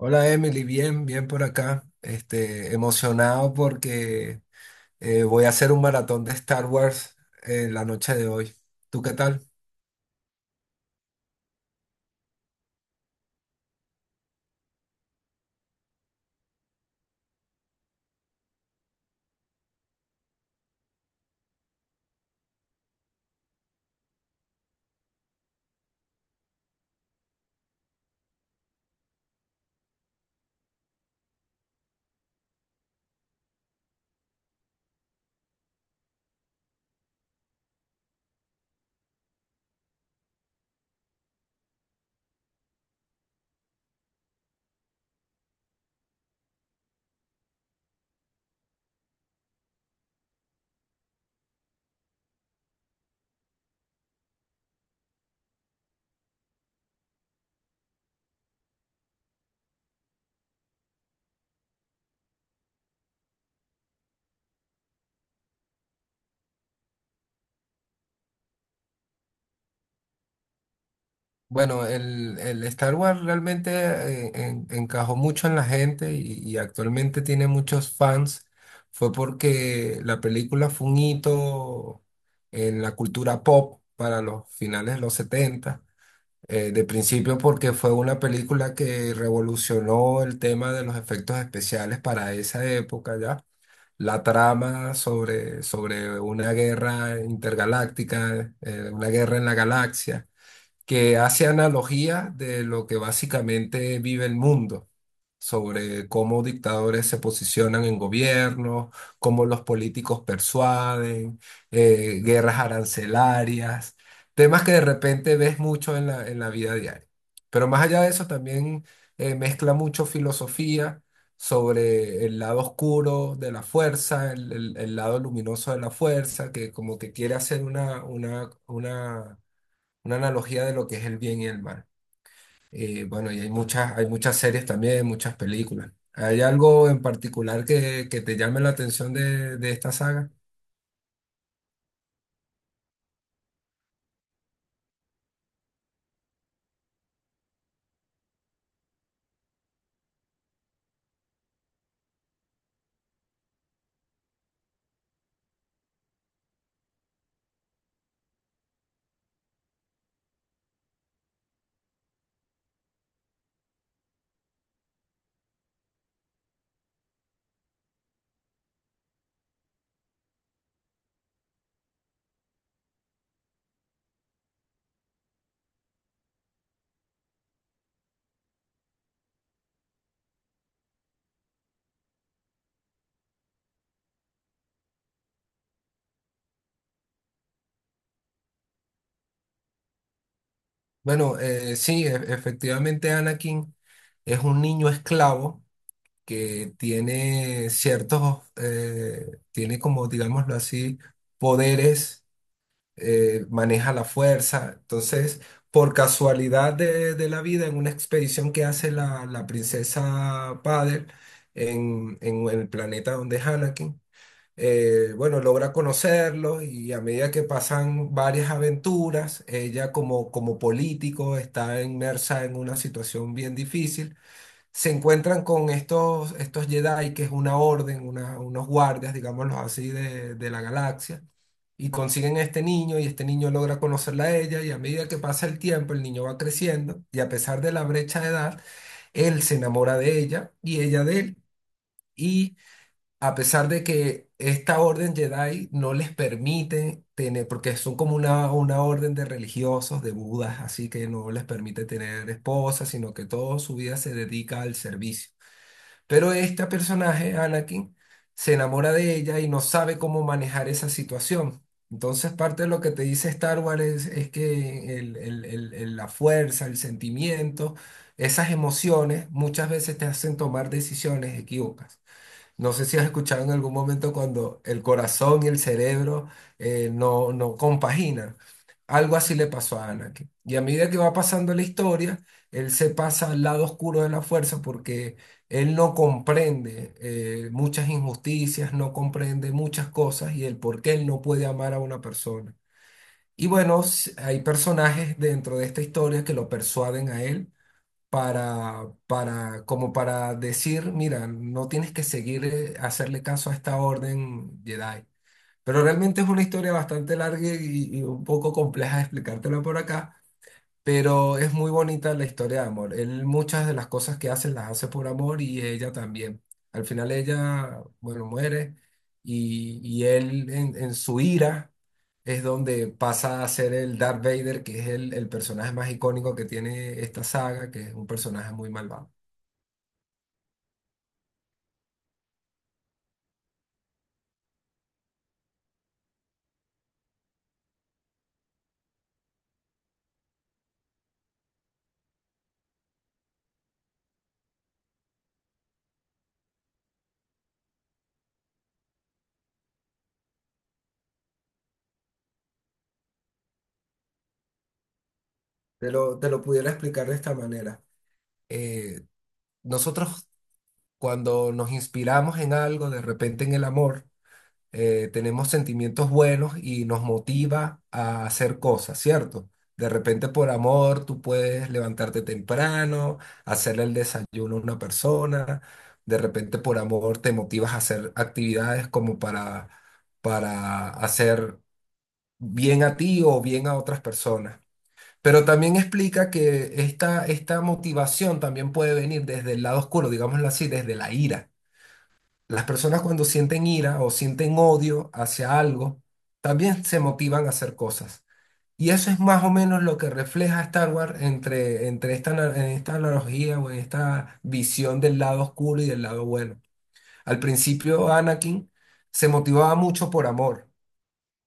Hola Emily, bien, bien por acá. Emocionado porque voy a hacer un maratón de Star Wars en la noche de hoy. ¿Tú qué tal? Bueno, el Star Wars realmente encajó mucho en la gente y actualmente tiene muchos fans. Fue porque la película fue un hito en la cultura pop para los finales de los 70. De principio porque fue una película que revolucionó el tema de los efectos especiales para esa época ya. La trama sobre una guerra intergaláctica, una guerra en la galaxia que hace analogía de lo que básicamente vive el mundo, sobre cómo dictadores se posicionan en gobierno, cómo los políticos persuaden, guerras arancelarias, temas que de repente ves mucho en la vida diaria. Pero más allá de eso, también mezcla mucho filosofía, sobre el lado oscuro de la fuerza, el lado luminoso de la fuerza, que como que quiere hacer una analogía de lo que es el bien y el mal. Bueno, y hay muchas series también, muchas películas. ¿Hay algo en particular que te llame la atención de esta saga? Bueno, sí, efectivamente Anakin es un niño esclavo que tiene ciertos, tiene como, digámoslo así, poderes, maneja la fuerza. Entonces, por casualidad de la vida, en una expedición que hace la princesa Padel en el planeta donde es Anakin, bueno, logra conocerlos, y a medida que pasan varias aventuras, ella como, como político está inmersa en una situación bien difícil. Se encuentran con estos Jedi, que es una orden, unos guardias, digámoslo así, de la galaxia, y consiguen a este niño y este niño logra conocerla a ella, y a medida que pasa el tiempo el niño va creciendo, y a pesar de la brecha de edad, él se enamora de ella y ella de él, y a pesar de que esta orden Jedi no les permite tener, porque son como una orden de religiosos, de budas, así que no les permite tener esposas, sino que toda su vida se dedica al servicio. Pero este personaje, Anakin, se enamora de ella y no sabe cómo manejar esa situación. Entonces, parte de lo que te dice Star Wars es que la fuerza, el sentimiento, esas emociones muchas veces te hacen tomar decisiones equívocas. No sé si has escuchado en algún momento cuando el corazón y el cerebro no, no compaginan. Algo así le pasó a Anakin. Y a medida que va pasando la historia, él se pasa al lado oscuro de la fuerza porque él no comprende muchas injusticias, no comprende muchas cosas y el por qué él no puede amar a una persona. Y bueno, hay personajes dentro de esta historia que lo persuaden a él para, como para decir, mira, no tienes que seguir, hacerle caso a esta orden Jedi. Pero realmente es una historia bastante larga y un poco compleja de explicártela por acá, pero es muy bonita la historia de amor. Él muchas de las cosas que hace las hace por amor, y ella también. Al final ella, bueno, muere, y él en su ira es donde pasa a ser el Darth Vader, que es el personaje más icónico que tiene esta saga, que es un personaje muy malvado. Te lo pudiera explicar de esta manera. Eh, Nosotros cuando nos inspiramos en algo, de repente en el amor, tenemos sentimientos buenos y nos motiva a hacer cosas, ¿cierto? De repente por amor tú puedes levantarte temprano, hacerle el desayuno a una persona, de repente por amor te motivas a hacer actividades como para, hacer bien a ti o bien a otras personas. Pero también explica que esta motivación también puede venir desde el lado oscuro, digámoslo así, desde la ira. Las personas cuando sienten ira o sienten odio hacia algo, también se motivan a hacer cosas. Y eso es más o menos lo que refleja Star Wars entre en esta analogía o en esta visión del lado oscuro y del lado bueno. Al principio Anakin se motivaba mucho por amor,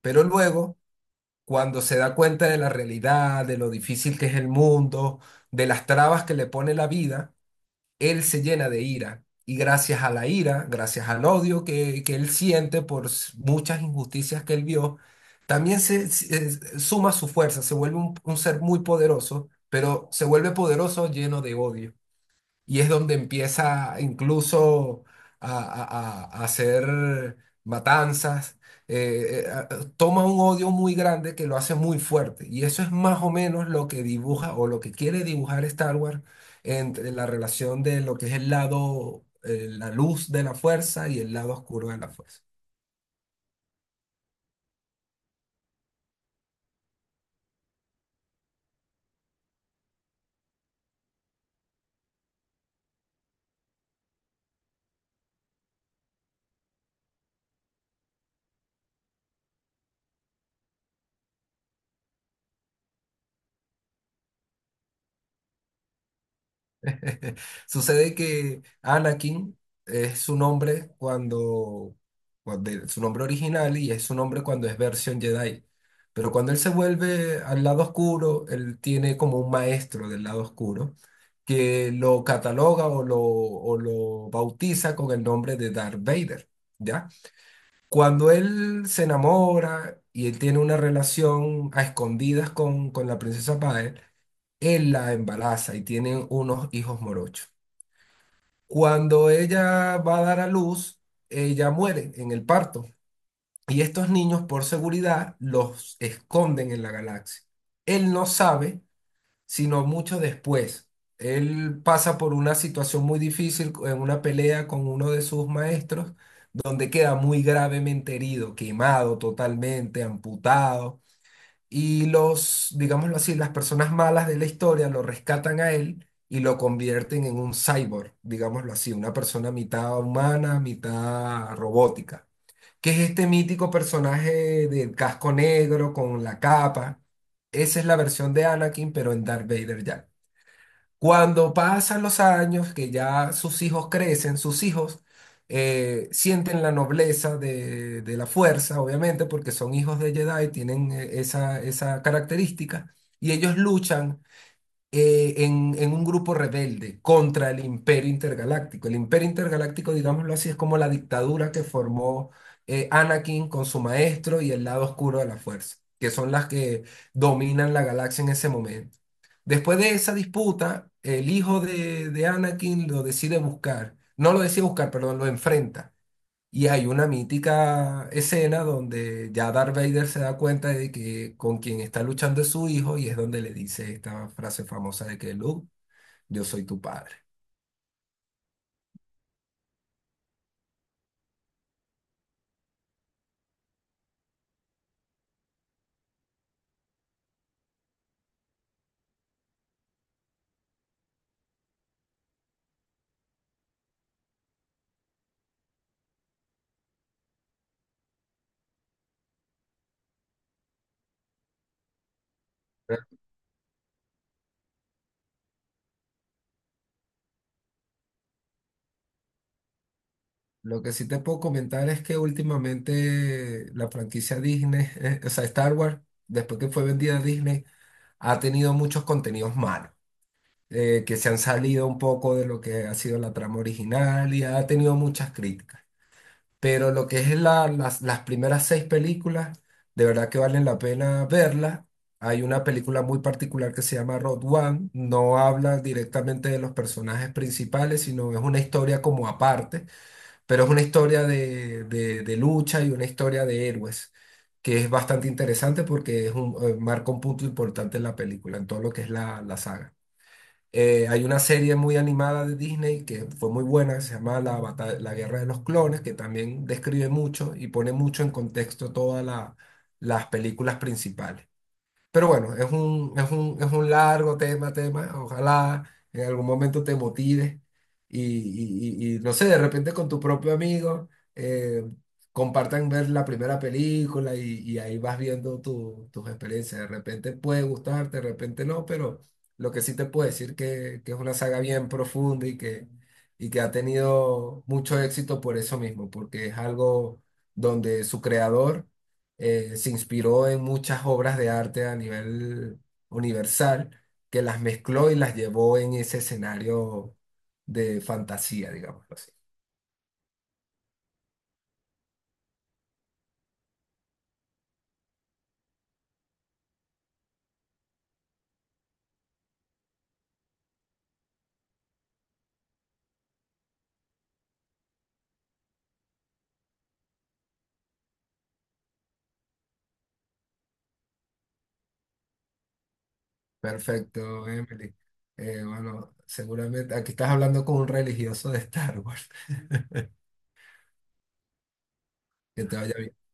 pero luego, cuando se da cuenta de la realidad, de lo difícil que es el mundo, de las trabas que le pone la vida, él se llena de ira. Y gracias a la ira, gracias al odio que él siente por muchas injusticias que él vio, también suma su fuerza, se vuelve un ser muy poderoso, pero se vuelve poderoso lleno de odio. Y es donde empieza incluso a hacer matanzas. eh, eh, a- Toma un odio muy grande que lo hace muy fuerte. Y eso es más o menos lo que dibuja o lo que quiere dibujar Star Wars entre la relación de lo que es el lado, la luz de la fuerza y el lado oscuro de la fuerza. Sucede que Anakin es su nombre cuando, su nombre original, y es su nombre cuando es versión Jedi. Pero cuando él se vuelve al lado oscuro, él tiene como un maestro del lado oscuro que lo cataloga, o lo bautiza con el nombre de Darth Vader, ¿ya? Cuando él se enamora y él tiene una relación a escondidas con la princesa Padme, él la embaraza y tienen unos hijos morochos. Cuando ella va a dar a luz, ella muere en el parto. Y estos niños, por seguridad, los esconden en la galaxia. Él no sabe, sino mucho después. Él pasa por una situación muy difícil en una pelea con uno de sus maestros, donde queda muy gravemente herido, quemado totalmente, amputado. Y los, digámoslo así, las personas malas de la historia lo rescatan a él y lo convierten en un cyborg, digámoslo así, una persona mitad humana, mitad robótica, que es este mítico personaje del casco negro con la capa. Esa es la versión de Anakin, pero en Darth Vader ya. Cuando pasan los años, que ya sus hijos crecen, sus hijos sienten la nobleza de la fuerza, obviamente, porque son hijos de Jedi, tienen esa, esa característica, y ellos luchan en un grupo rebelde contra el Imperio Intergaláctico. El Imperio Intergaláctico, digámoslo así, es como la dictadura que formó Anakin con su maestro y el lado oscuro de la fuerza, que son las que dominan la galaxia en ese momento. Después de esa disputa, el hijo de Anakin lo decide buscar, no lo decide buscar, perdón, lo enfrenta, y hay una mítica escena donde ya Darth Vader se da cuenta de que con quien está luchando es su hijo, y es donde le dice esta frase famosa de que Luke, yo soy tu padre. Pero Lo que sí te puedo comentar es que últimamente la franquicia Disney, o sea, Star Wars, después que fue vendida a Disney, ha tenido muchos contenidos malos, que se han salido un poco de lo que ha sido la trama original, y ha tenido muchas críticas. Pero lo que es las primeras seis películas, de verdad que valen la pena verlas. Hay una película muy particular que se llama Road One. No habla directamente de los personajes principales, sino es una historia como aparte, pero es una historia de, de lucha y una historia de héroes, que es bastante interesante porque marca un punto importante en la película, en todo lo que es la saga. Hay una serie muy animada de Disney que fue muy buena, que se llama La Guerra de los Clones, que también describe mucho y pone mucho en contexto todas las películas principales. Pero bueno, es un largo tema. Ojalá en algún momento te motives, no sé, de repente con tu propio amigo eh, compartan ver la primera película, y ahí vas viendo tus experiencias. De repente puede gustarte, de repente no, pero lo que sí te puedo decir que es una saga bien profunda, y que ha tenido mucho éxito por eso mismo, porque es algo donde su creador se inspiró en muchas obras de arte a nivel universal, que las mezcló y las llevó en ese escenario de fantasía, digámoslo así. Perfecto, Emily. Bueno, seguramente aquí estás hablando con un religioso de Star Wars. Que te vaya bien.